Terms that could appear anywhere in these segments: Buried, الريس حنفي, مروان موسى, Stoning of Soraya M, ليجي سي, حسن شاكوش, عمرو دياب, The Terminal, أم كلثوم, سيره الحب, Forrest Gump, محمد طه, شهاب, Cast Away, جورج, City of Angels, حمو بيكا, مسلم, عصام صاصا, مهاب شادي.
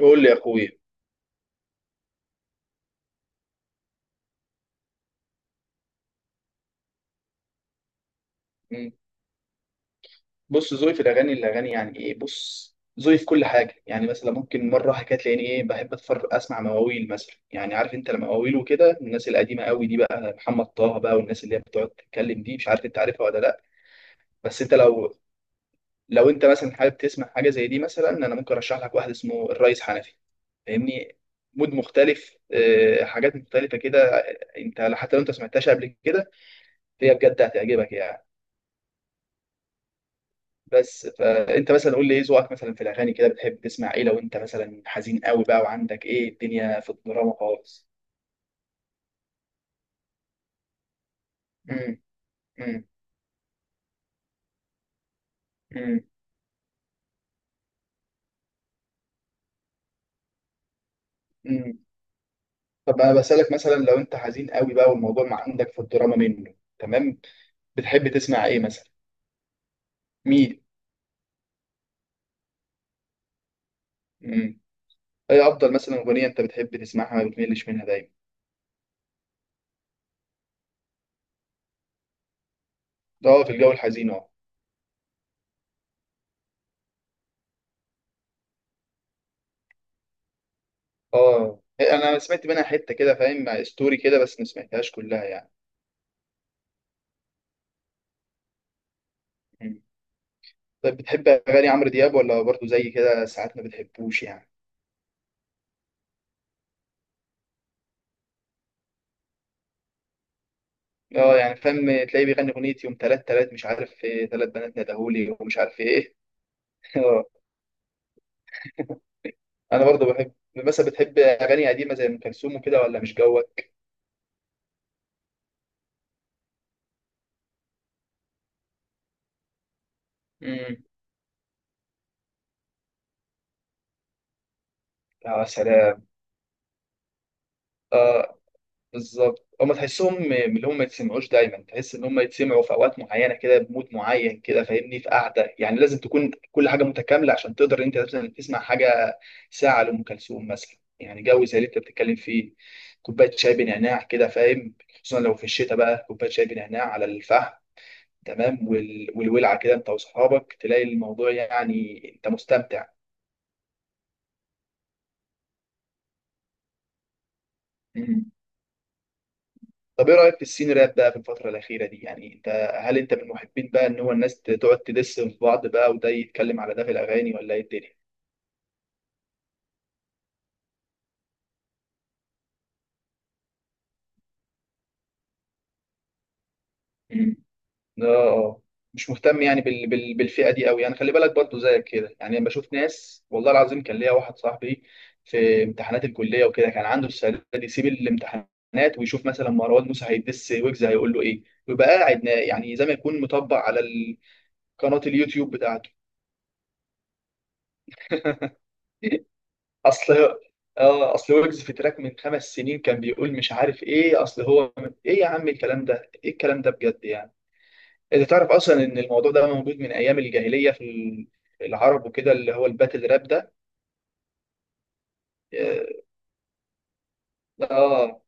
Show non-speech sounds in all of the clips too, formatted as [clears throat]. قول لي يا اخويا. مم. بص ذوقي في الاغاني يعني ايه؟ بص ذوقي في كل حاجه، يعني مثلا ممكن مره حكايه تلاقيني ايه، بحب اتفرج اسمع مواويل مثلا. يعني عارف انت المواويل وكده، الناس القديمه قوي دي بقى، محمد طه بقى والناس اللي هي بتقعد تتكلم دي، مش عارف انت عارفها ولا لا؟ بس انت لو انت مثلا حابب تسمع حاجه زي دي مثلا، انا ممكن ارشح لك واحد اسمه الريس حنفي. فاهمني. مود مختلف، حاجات مختلفه كده. انت حتى لو انت سمعتهاش قبل كده فهي بجد هتعجبك يعني. بس فانت مثلا قول لي ايه ذوقك مثلا في الاغاني كده، بتحب تسمع ايه لو انت مثلا حزين قوي بقى وعندك ايه الدنيا في الدراما خالص؟ امم، امم، امم، امم. طب انا بسالك مثلا لو انت حزين قوي بقى والموضوع ما عندك في الدراما منه تمام، بتحب تسمع ايه مثلا؟ مين؟ امم. ايه افضل مثلا اغنيه انت بتحب تسمعها ما بتملش منها دايما؟ اه في الجو الحزين اه. اه انا سمعت منها حته كده، فاهم، مع ستوري كده بس ما سمعتهاش كلها يعني. طيب بتحب اغاني عمرو دياب ولا برضه زي كده ساعات ما بتحبوش يعني؟ اه يعني فاهم. تلاقيه بيغني اغنيه يوم تلات تلات مش عارف ايه، تلات بنات ندهولي ومش عارف ايه. [laughs] اه. انا برضه بحب مثلا، بتحب اغاني قديمه زي ام كلثوم وكده ولا مش جوك؟ امم. يا سلام. اه. بالظبط هم تحسهم من اللي هم ما يتسمعوش دايما، تحس ان هم يتسمعوا في اوقات معينه كده بمود معين كده فاهمني، في قعده، يعني لازم تكون كل حاجه متكامله عشان تقدر انت مثلا تسمع حاجه. ساعه لام كلثوم مثلا، يعني جو زي اللي انت بتتكلم فيه. كوبايه شاي بنعناع كده فاهم، خصوصا لو في الشتاء بقى كوبايه شاي بنعناع على الفحم. تمام، والولعه كده انت واصحابك، تلاقي الموضوع يعني انت مستمتع. طب ايه رايك في السين راب بقى في الفتره الاخيره دي؟ يعني انت هل انت من محبين بقى ان هو الناس تقعد تدس في بعض بقى، وده يتكلم على ده في الاغاني، ولا ايه الدنيا؟ [clears throat] مم. اه. آه. مش مهتم يعني بالفئه دي قوي، يعني خلي بالك برضو زيك كده، يعني لما بشوف ناس. والله العظيم كان ليا واحد صاحبي في امتحانات الكليه وكده، كان عنده السنه دي يسيب الامتحانات ويشوف مثلا مروان موسى هيدس ويجز هيقول له ايه، ويبقى قاعد يعني زي ما يكون مطبق على قناه اليوتيوب بتاعته. [laughs] اصل اه اصل ويجز في تراك من 5 سنين كان بيقول مش عارف ايه، اصل هو ايه يا عم، الكلام ده ايه الكلام ده بجد يعني. انت تعرف اصلا ان الموضوع ده موجود من ايام الجاهليه في العرب وكده، اللي هو الباتل راب ده. اه. آه.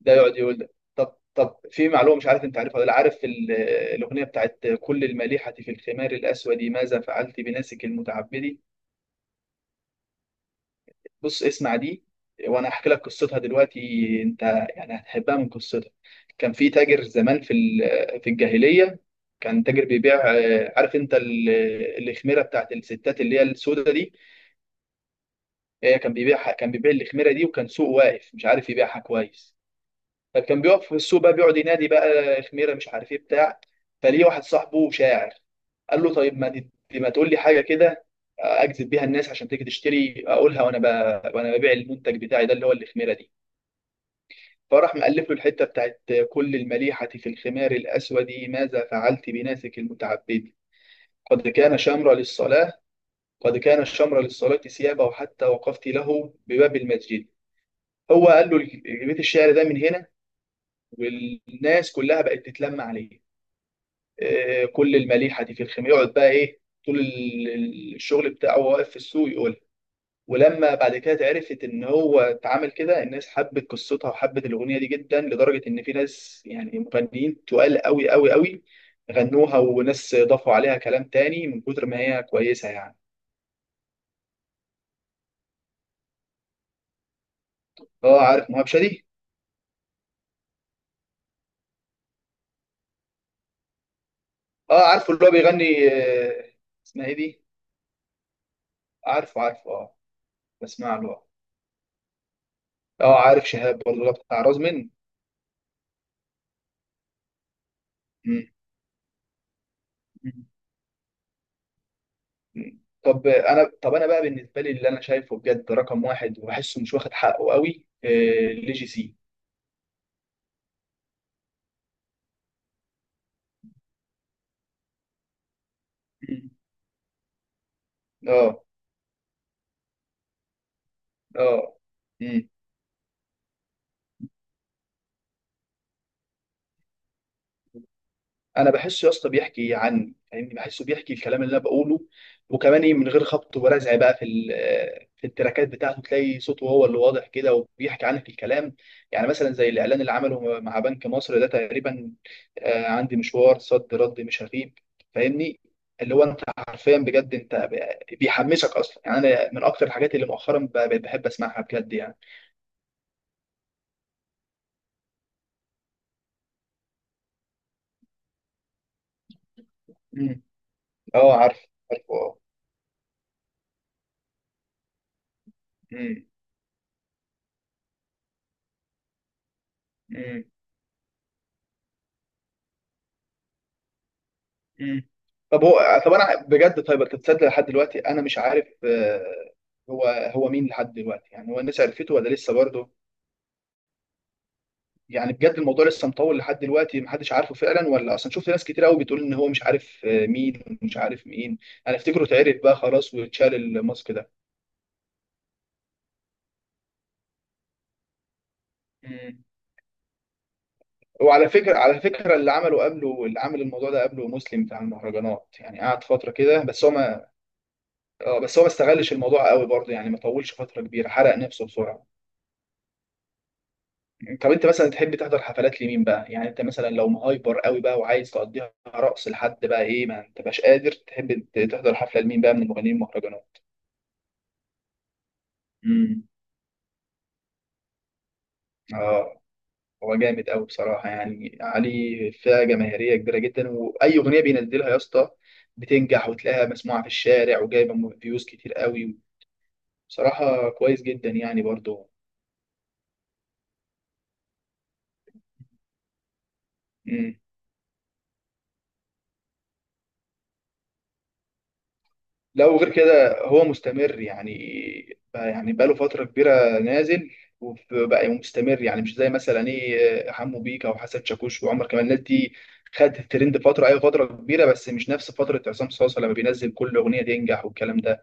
ده يقعد يقول ده. طب في معلومه، مش عارف انت عارفها ولا لا، عارف الاغنيه بتاعت كل المليحه في الخمار الاسود ماذا فعلت بناسك المتعبد؟ بص اسمع دي وانا احكي لك قصتها دلوقتي. انت يعني هتحبها من قصتها. كان في تاجر زمان في في الجاهليه، كان تاجر بيبيع، عارف انت الخميره بتاعت الستات اللي هي السوداء دي. كان بيبيعها، كان بيبيع الخميره دي، وكان سوق واقف مش عارف يبيعها كويس. فكان بيقف في السوق بقى بيقعد ينادي بقى خميره مش عارف ايه بتاع. فليه واحد صاحبه شاعر قال له طيب ما تقول لي حاجه كده اجذب بيها الناس عشان تيجي تشتري اقولها، وانا ببيع المنتج بتاعي ده اللي هو الخميره دي. فراح مألف له الحته بتاعت: كل المليحه في الخمار الاسود ماذا فعلت بناسك المتعبد، قد كان شمر للصلاه، قد كان الشمر للصلاه ثيابه وحتى وقفت له بباب المسجد. هو قال له بيت الشعر ده من هنا، والناس كلها بقت تتلم عليه. كل المليحه دي في الخيمه، يقعد بقى ايه طول الشغل بتاعه واقف في السوق يقول. ولما بعد كده اتعرفت ان هو اتعامل كده، الناس حبت قصتها وحبت الاغنيه دي جدا، لدرجه ان في ناس يعني مغنيين تقال قوي قوي قوي غنوها، وناس ضافوا عليها كلام تاني من كتر ما هي كويسه يعني. اه عارف مهاب شادي. اه عارفه اللي هو بيغني، اسمها ايه دي؟ عارفه، عارفه اه. بسمع له اه. عارف شهاب برضه اللي هو بتاع رزمن. مم. طب انا بقى بالنسبه لي، اللي انا شايفه بجد رقم واحد وبحسه مش واخد حقه قوي، ليجي سي. مم. اه. اه. مم. انا بحسه يا اسطى بيحكي عني، فاهمني، بحسه بيحكي الكلام اللي انا بقوله، وكمان ايه، من غير خبط ورزع بقى في في التراكات بتاعته، تلاقي صوته هو اللي واضح كده وبيحكي عنك الكلام. يعني مثلا زي الاعلان اللي عمله مع بنك مصر ده تقريبا، عندي مشوار صد رد مش هغيب، فاهمني، اللي هو انت حرفيا بجد، انت بيحمسك اصلا، يعني انا من اكتر الحاجات اللي مؤخرا بقيت بحب اسمعها بجد يعني. امم. اه عارف، عارفه اه. امم. مم. طب هو، طب انا بجد طيب انت تصدق لحد دلوقتي انا مش عارف، هو، هو مين لحد دلوقتي، يعني هو الناس عرفته ولا لسه برضه؟ يعني بجد الموضوع لسه مطول لحد دلوقتي محدش عارفه فعلا، ولا اصلا شفت ناس كتير قوي بتقول ان هو مش عارف، مين ومش عارف مين. انا افتكره اتعرف بقى خلاص واتشال الماسك ده. مم. وعلى فكرة على فكرة اللي عمل الموضوع ده قبله مسلم بتاع المهرجانات، يعني قعد فترة كده، بس هو ما استغلش الموضوع قوي برضه يعني، ما طولش فترة كبيرة، حرق نفسه بسرعة. طب انت مثلا تحب تحضر حفلات لمين بقى يعني؟ انت مثلا لو مهايبر قوي بقى وعايز تقضيها رقص لحد بقى ايه، ما انت مش قادر، تحب تحضر حفله لمين بقى من المغنيين المهرجانات؟ امم. اه. هو جامد قوي بصراحه يعني، علي فئه جماهيريه كبيره جدا، واي اغنيه بينزلها يا اسطى بتنجح وتلاقيها مسموعه في الشارع، وجايبه فيوز كتير قوي، بصراحه كويس جدا يعني برضه. لا، وغير كده هو مستمر يعني، بقى يعني بقى له فترة كبيرة نازل وبقى مستمر يعني، مش زي مثلا ايه حمو بيكا وحسن شاكوش وعمر كمال، الناس دي خدت الترند فترة، ايوه فترة كبيرة، بس مش نفس فترة عصام صاصا، لما بينزل كل أغنية تنجح والكلام ده.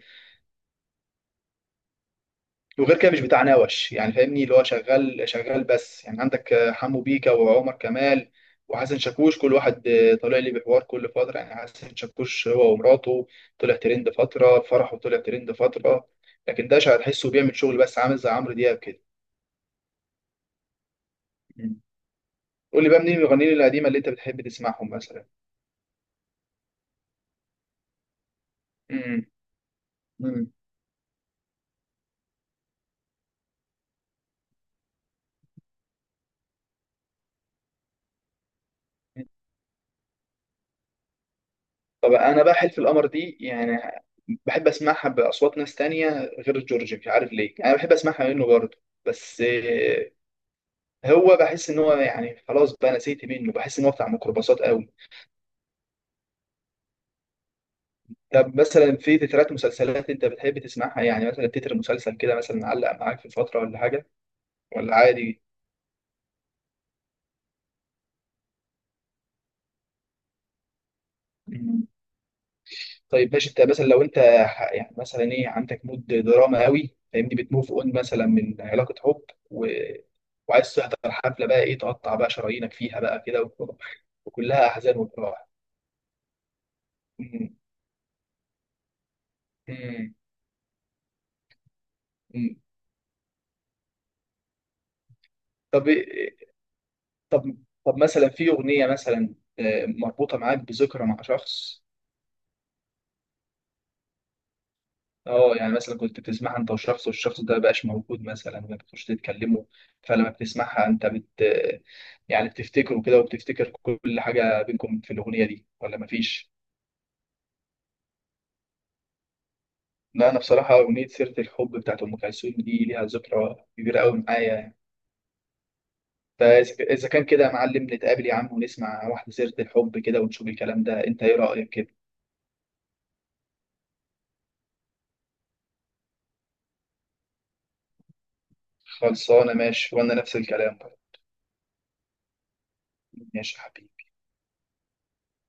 وغير كده مش بتاع نوش يعني فاهمني، اللي هو شغال شغال بس، يعني عندك حمو بيكا وعمر كمال وحسن شاكوش، كل واحد طالع لي بحوار كل فترة، يعني حسن شاكوش هو ومراته طلع ترند فترة فرحه، طلع ترند فترة، لكن ده هتحسه بيعمل شغل بس عامل زي عمرو دياب كده. مم. قول لي بقى منين المغنيين القديمة اللي انت بتحب تسمعهم مثلا؟ مم. مم. طب انا بقى حلف القمر دي، يعني بحب اسمعها باصوات ناس تانية غير جورج، مش عارف ليه انا بحب اسمعها منه برضه، بس هو بحس ان هو يعني خلاص بقى نسيت منه، بحس ان هو بتاع ميكروباصات قوي. طب مثلا في تترات مسلسلات انت بتحب تسمعها؟ يعني مثلا تتر مسلسل كده مثلا علق معاك في فتره ولا حاجه، ولا عادي؟ مم. طيب ماشي، انت مثلا لو انت يعني مثلا ايه عندك مود دراما قوي فاهمني، بتموف اون مثلا من علاقه حب و... وعايز تحضر حفله بقى ايه تقطع بقى شرايينك فيها بقى كده وكلها احزان وفرح. مم. مم. مم. طب إيه، طب طب مثلا في اغنيه مثلا، مربوطه معاك بذكرى مع شخص؟ اه يعني مثلا كنت بتسمعها انت وشخص، والشخص ده مبقاش موجود مثلا، ما بتخش تتكلموا، فلما بتسمعها انت يعني بتفتكره كده وبتفتكر كل حاجه بينكم في الاغنيه دي ولا مفيش؟ لا انا بصراحه اغنيه سيره الحب بتاعت ام كلثوم دي ليها ذكرى كبيره قوي معايا يعني. فاذا إذا كان كده يا معلم، نتقابل يا عم ونسمع واحده سيره الحب كده ونشوف الكلام ده، انت ايه رايك كده؟ خلصانه ماشي، وانا نفس الكلام برضه. ماشي يا حبيبي.